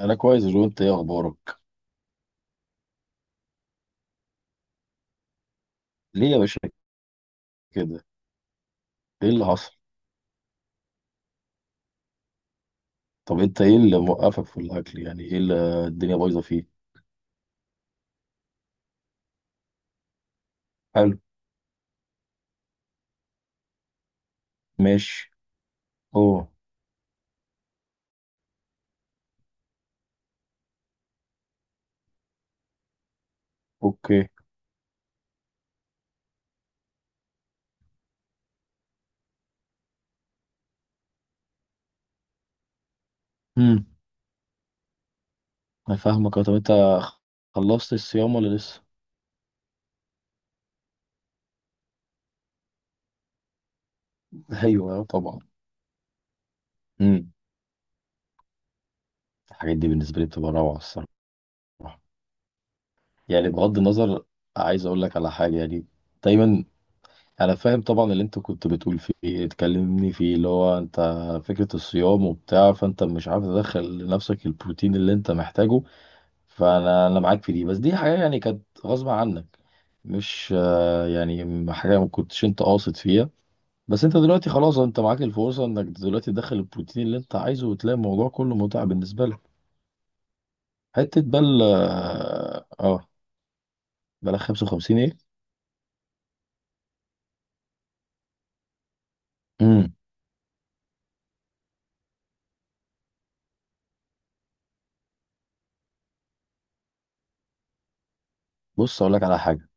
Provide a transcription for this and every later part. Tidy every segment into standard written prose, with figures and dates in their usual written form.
انا كويس يا جو، انت ايه اخبارك؟ ليه يا باشا؟ كده. ايه اللي حصل؟ طب انت ايه اللي موقفك في الاكل؟ يعني ايه اللي الدنيا بايظه فيه؟ حلو. ماشي. اوه. اوكي. امم. انا فاهمك. طب انت خلصت الصيام ولا لسه؟ ايوه، طبعا. امم. الحاجات دي بالنسبه لي بتبقى روعه الصراحه. يعني بغض النظر، عايز اقول لك على حاجه يعني. دايما انا فاهم طبعا اللي انت كنت بتقول فيه، اتكلمني فيه اللي هو انت فكرة الصيام وبتاع، فانت مش عارف تدخل لنفسك البروتين اللي انت محتاجه. فانا معاك في دي، بس دي حاجة يعني كانت غصب عنك، مش يعني حاجة ما كنتش انت قاصد فيها. بس انت دلوقتي خلاص انت معاك الفرصة انك دلوقتي تدخل البروتين اللي انت عايزه وتلاقي الموضوع كله متعة بالنسبة لك. حتة بل اه بلا 55 ايه؟ امم. بص اقول لك على حاجة.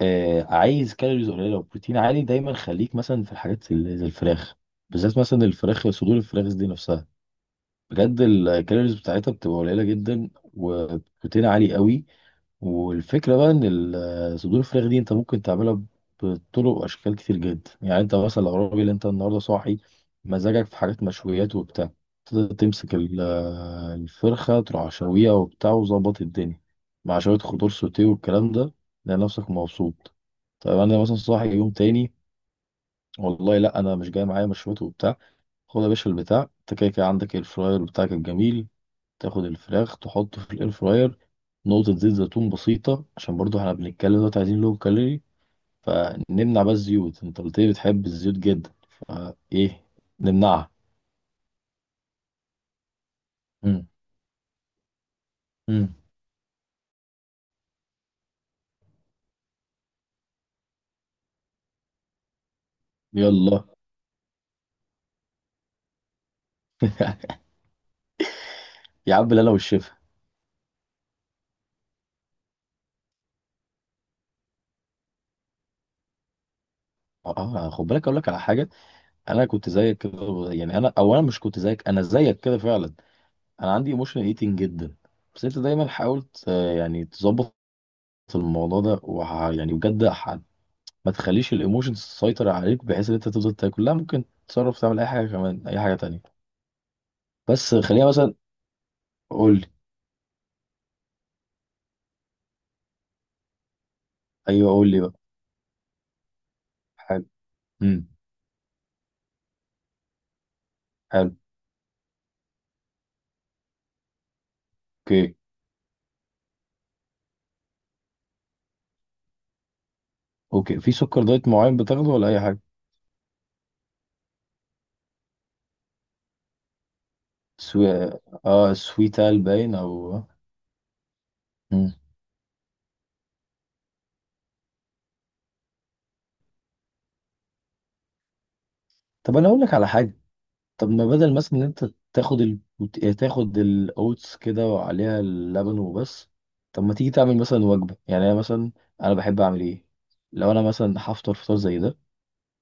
عايز كالوريز قليله وبروتين عالي، دايما خليك مثلا في الحاجات اللي زي الفراخ. بالذات مثلا الفراخ، صدور الفراخ دي نفسها، بجد الكالوريز بتاعتها بتبقى قليله جدا وبروتين عالي قوي. والفكرة بقى ان صدور الفراخ دي انت ممكن تعملها بطرق واشكال كتير جدا. يعني انت مثلا لو راجل انت النهارده صاحي مزاجك في حاجات مشويات وبتاع، تقدر تمسك الفرخة، تروح شويها وبتاع وظبط الدنيا مع شوية خضار سوتيه والكلام ده، تلاقي نفسك مبسوط. طيب انا مثلا صاحي يوم تاني، والله لا انا مش جاي معايا مشويات وبتاع، خد يا باشا البتاع، انت كده كده عندك الفراير بتاعك الجميل، تاخد الفراخ تحطه في الاير فراير، نقطة زيت زيتون بسيطة، عشان برضو احنا بنتكلم دلوقتي عايزين لو كالوري، فنمنع بقى الزيوت. انت قلت لي بتحب الزيوت جدا، فايه نمنعها. مم. مم. يلا. يا عم لا، انا والشفا. اه، خد بالك اقول لك على حاجه. انا كنت زيك كده، يعني انا او انا مش كنت زيك، انا زيك كده فعلا. انا عندي ايموشنال ايتنج جدا. بس انت دايما حاولت يعني تظبط الموضوع ده يعني بجد ما تخليش الايموشنز تسيطر عليك، بحيث ان انت تفضل تاكل. لا، ممكن تتصرف تعمل اي حاجه كمان، اي حاجه تانية. بس خليها مثلا، قول لي. ايوه قول لي بقى. حلو. امم. حلو. اوكي. اوكي، في سكر دايت معين بتاخده ولا اي حاجه؟ سوي... اه، سويتال باين او مم. طب انا اقول لك على حاجه. طب ما بدل مثلا ان انت تاخد ال... تاخد الاوتس كده وعليها اللبن وبس، طب ما تيجي تعمل مثلا وجبه. يعني انا مثلا، انا بحب اعمل ايه؟ لو انا مثلا هفطر فطار زي ده،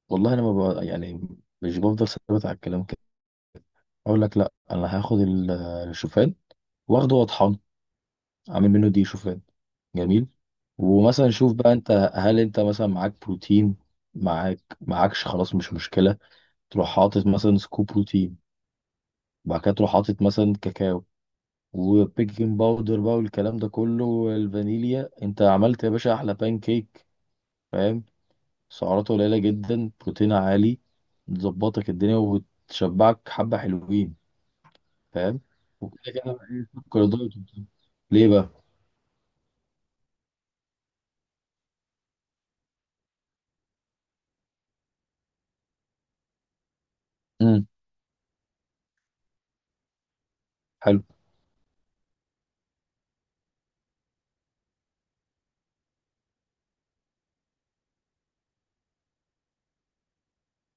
والله انا ما بقى يعني مش بفضل ثابت على الكلام كده، اقول لك لا انا هاخد الشوفان، واخده واطحن، اعمل منه دي شوفان. جميل. ومثلا شوف بقى، انت هل انت مثلا معاك بروتين، معاك معاكش خلاص مش مشكله، تروح حاطط مثلا سكوب بروتين، وبعد كده تروح حاطط مثلا كاكاو، وبيكنج باودر بقى والكلام ده كله والفانيليا، انت عملت يا باشا احلى بان كيك. فاهم؟ سعراته قليله جدا، بروتين عالي، تظبطك الدنيا وتشبعك حبه حلوين. فاهم؟ وكده كده بقى ايه سكر دايت وبتاع. ليه بقى؟ امم. حلو.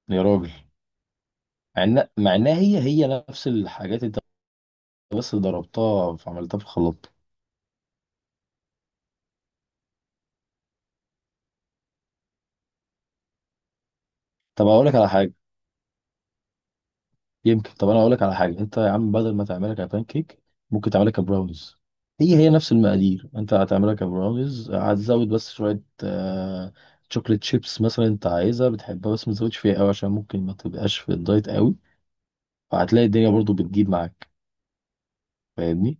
يا راجل، مع ان مع انها هي هي نفس الحاجات انت بس ضربتها فعملتها في الخلاط. طب اقول لك على حاجه يمكن، طب انا اقول لك على حاجه، انت يا عم بدل ما تعملها كبان كيك، ممكن تعملها كبراونيز. هي هي نفس المقادير، انت هتعملها كبراونيز هتزود بس شويه شوكليت شيبس مثلا، انت عايزها بتحبها، بس ما تزودش فيها قوي عشان ممكن ما تبقاش في الدايت قوي. فهتلاقي الدنيا برضو بتجيب معاك. فاهمني؟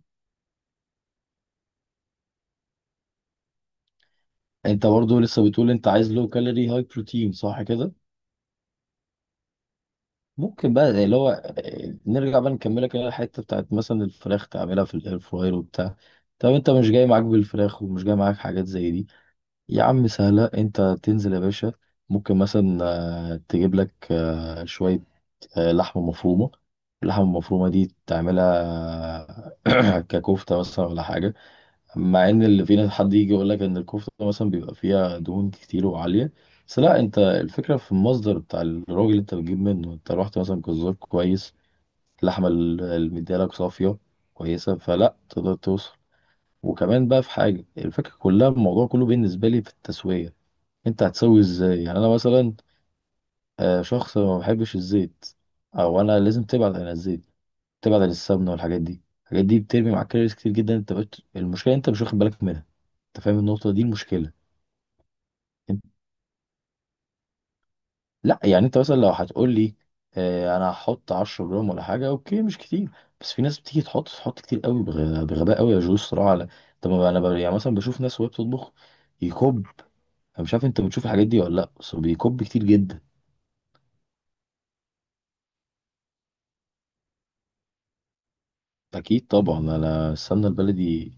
انت برضو لسه بتقول انت عايز لو كالوري هاي بروتين، صح كده؟ ممكن بقى زي اللي هو نرجع بقى نكملك اللي هي الحته بتاعت مثلا الفراخ، تعملها في الاير فراير وبتاع. طب انت مش جاي معاك بالفراخ ومش جاي معاك حاجات زي دي، يا عم سهله، انت تنزل يا باشا، ممكن مثلا تجيب لك شويه لحمه مفرومه. اللحمه المفرومه دي تعملها ككفته مثلا ولا حاجه. مع ان اللي فينا حد يجي يقول لك ان الكفته مثلا بيبقى فيها دهون كتير وعاليه، بس لا، انت الفكره في المصدر بتاع الراجل اللي انت بتجيب منه. انت رحت مثلا جزار كويس، اللحمه اللي مديالك صافيه كويسه، فلا تقدر توصل. وكمان بقى في حاجه، الفكره كلها الموضوع كله بالنسبه لي في التسويه، انت هتسوي ازاي. يعني انا مثلا شخص ما بحبش الزيت، او انا لازم تبعد عن الزيت، تبعد عن السمنه والحاجات دي. الحاجات دي بترمي معاك كالوريز كتير جدا، انت بقيت المشكله انت مش واخد بالك منها. انت فاهم النقطه دي المشكله؟ انت... لا يعني انت مثلا لو هتقول لي اه انا هحط 10 جرام ولا حاجه، اوكي مش كتير، بس في ناس بتيجي تحط كتير قوي، بغباء قوي يا جو الصراحه. على طب ما يعني مثلا بشوف ناس وهي بتطبخ يكب. انا مش عارف انت بتشوف الحاجات دي ولا لا، بس هو بيكب كتير جدا. أكيد طبعا، أنا السمنة البلدي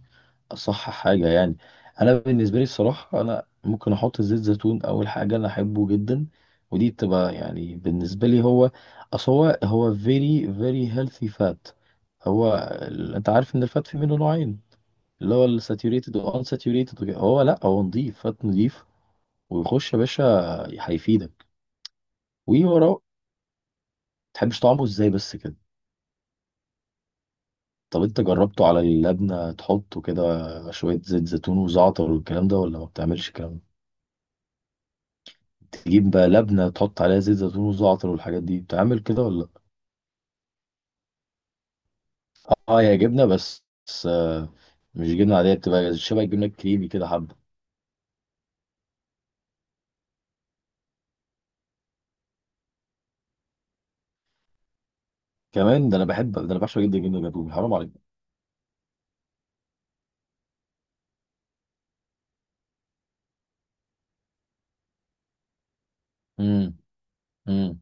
أصح حاجة يعني. أنا بالنسبة لي الصراحة، أنا ممكن أحط زيت زيتون أول حاجة، أنا أحبه جدا. ودي بتبقى يعني بالنسبة لي، هو أصل هو very very healthy fat. هو أنت عارف إن الفات في منه نوعين، اللي هو الساتيوريتد وان ساتيوريتد وكده. هو لأ، هو نضيف فات نضيف، ويخش يا باشا، هيفيدك ووراه. متحبش طعمه إزاي بس كده؟ طب انت جربته على اللبنة تحطه كده شوية زيت زيتون وزعتر والكلام ده، ولا ما بتعملش الكلام ده؟ تجيب بقى لبنة تحط عليها زيت زيتون وزعتر والحاجات دي، بتعمل كده ولا؟ اه هي جبنة، بس مش جبنة عادية، بتبقى شبه الجبنة الكريمي كده حبة. كمان ده انا بحب ده، انا بعشق جدا الجبنة الجاتوه، حرام عليك. امم. امم.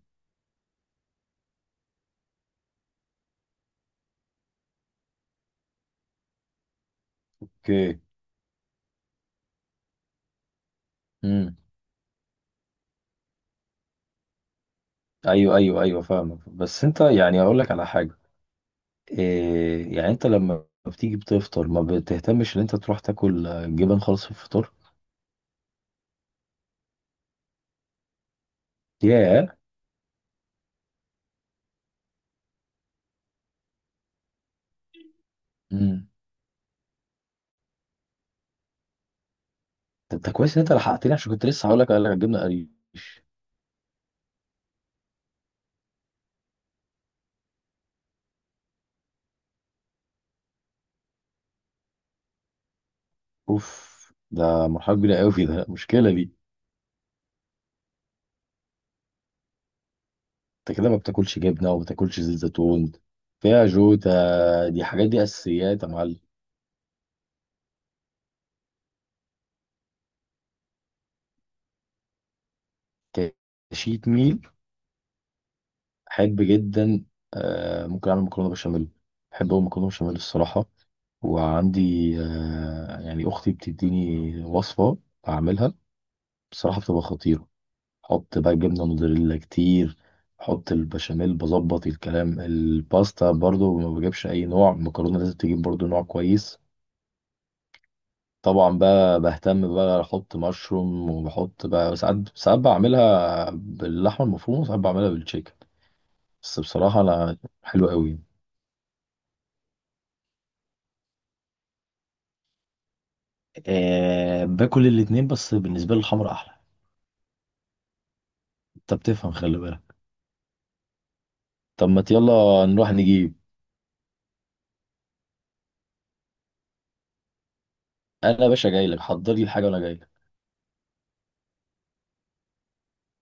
اوكي. امم. ايوه ايوه ايوه فاهمك، بس انت يعني اقول لك على حاجة، إيه يعني انت لما بتيجي بتفطر ما بتهتمش ان انت تروح تاكل جبن خالص في الفطار؟ ياه. امم. طب ده كويس ان انت لحقتني، عشان كنت لسه هقول لك قال لك هتجيبنا قريش. اوف، ده مرحله كبيره قوي، في ده مشكله دي. انت كده ما بتاكلش جبنه وما بتاكلش زيت زيتون، فيها جوتا، دي حاجات، دي اساسيات يا معلم. كشيت ميل؟ احب جدا. آه ممكن اعمل مكرونه بشاميل، بحب اقول مكرونه بشاميل الصراحه. وعندي آه يعني اختي بتديني وصفه اعملها، بصراحه بتبقى خطيره. حط بقى جبنة موتزاريلا كتير، حط البشاميل بظبط الكلام، الباستا برضو ما بجيبش اي نوع، المكرونة لازم تجيب برضو نوع كويس. طبعا بقى بهتم بقى احط مشروم، وبحط بقى ساعات ساعات بعملها باللحمة المفرومة وساعات بعملها بالتشيكن. بس بصراحة انا حلو قوي. أه باكل الاتنين، بس بالنسبة لي الحمرا احلى. انت بتفهم، خلي بالك. طب ما يلا نروح نجيب. انا يا باشا جاي لك، حضر لي الحاجة وانا جاي.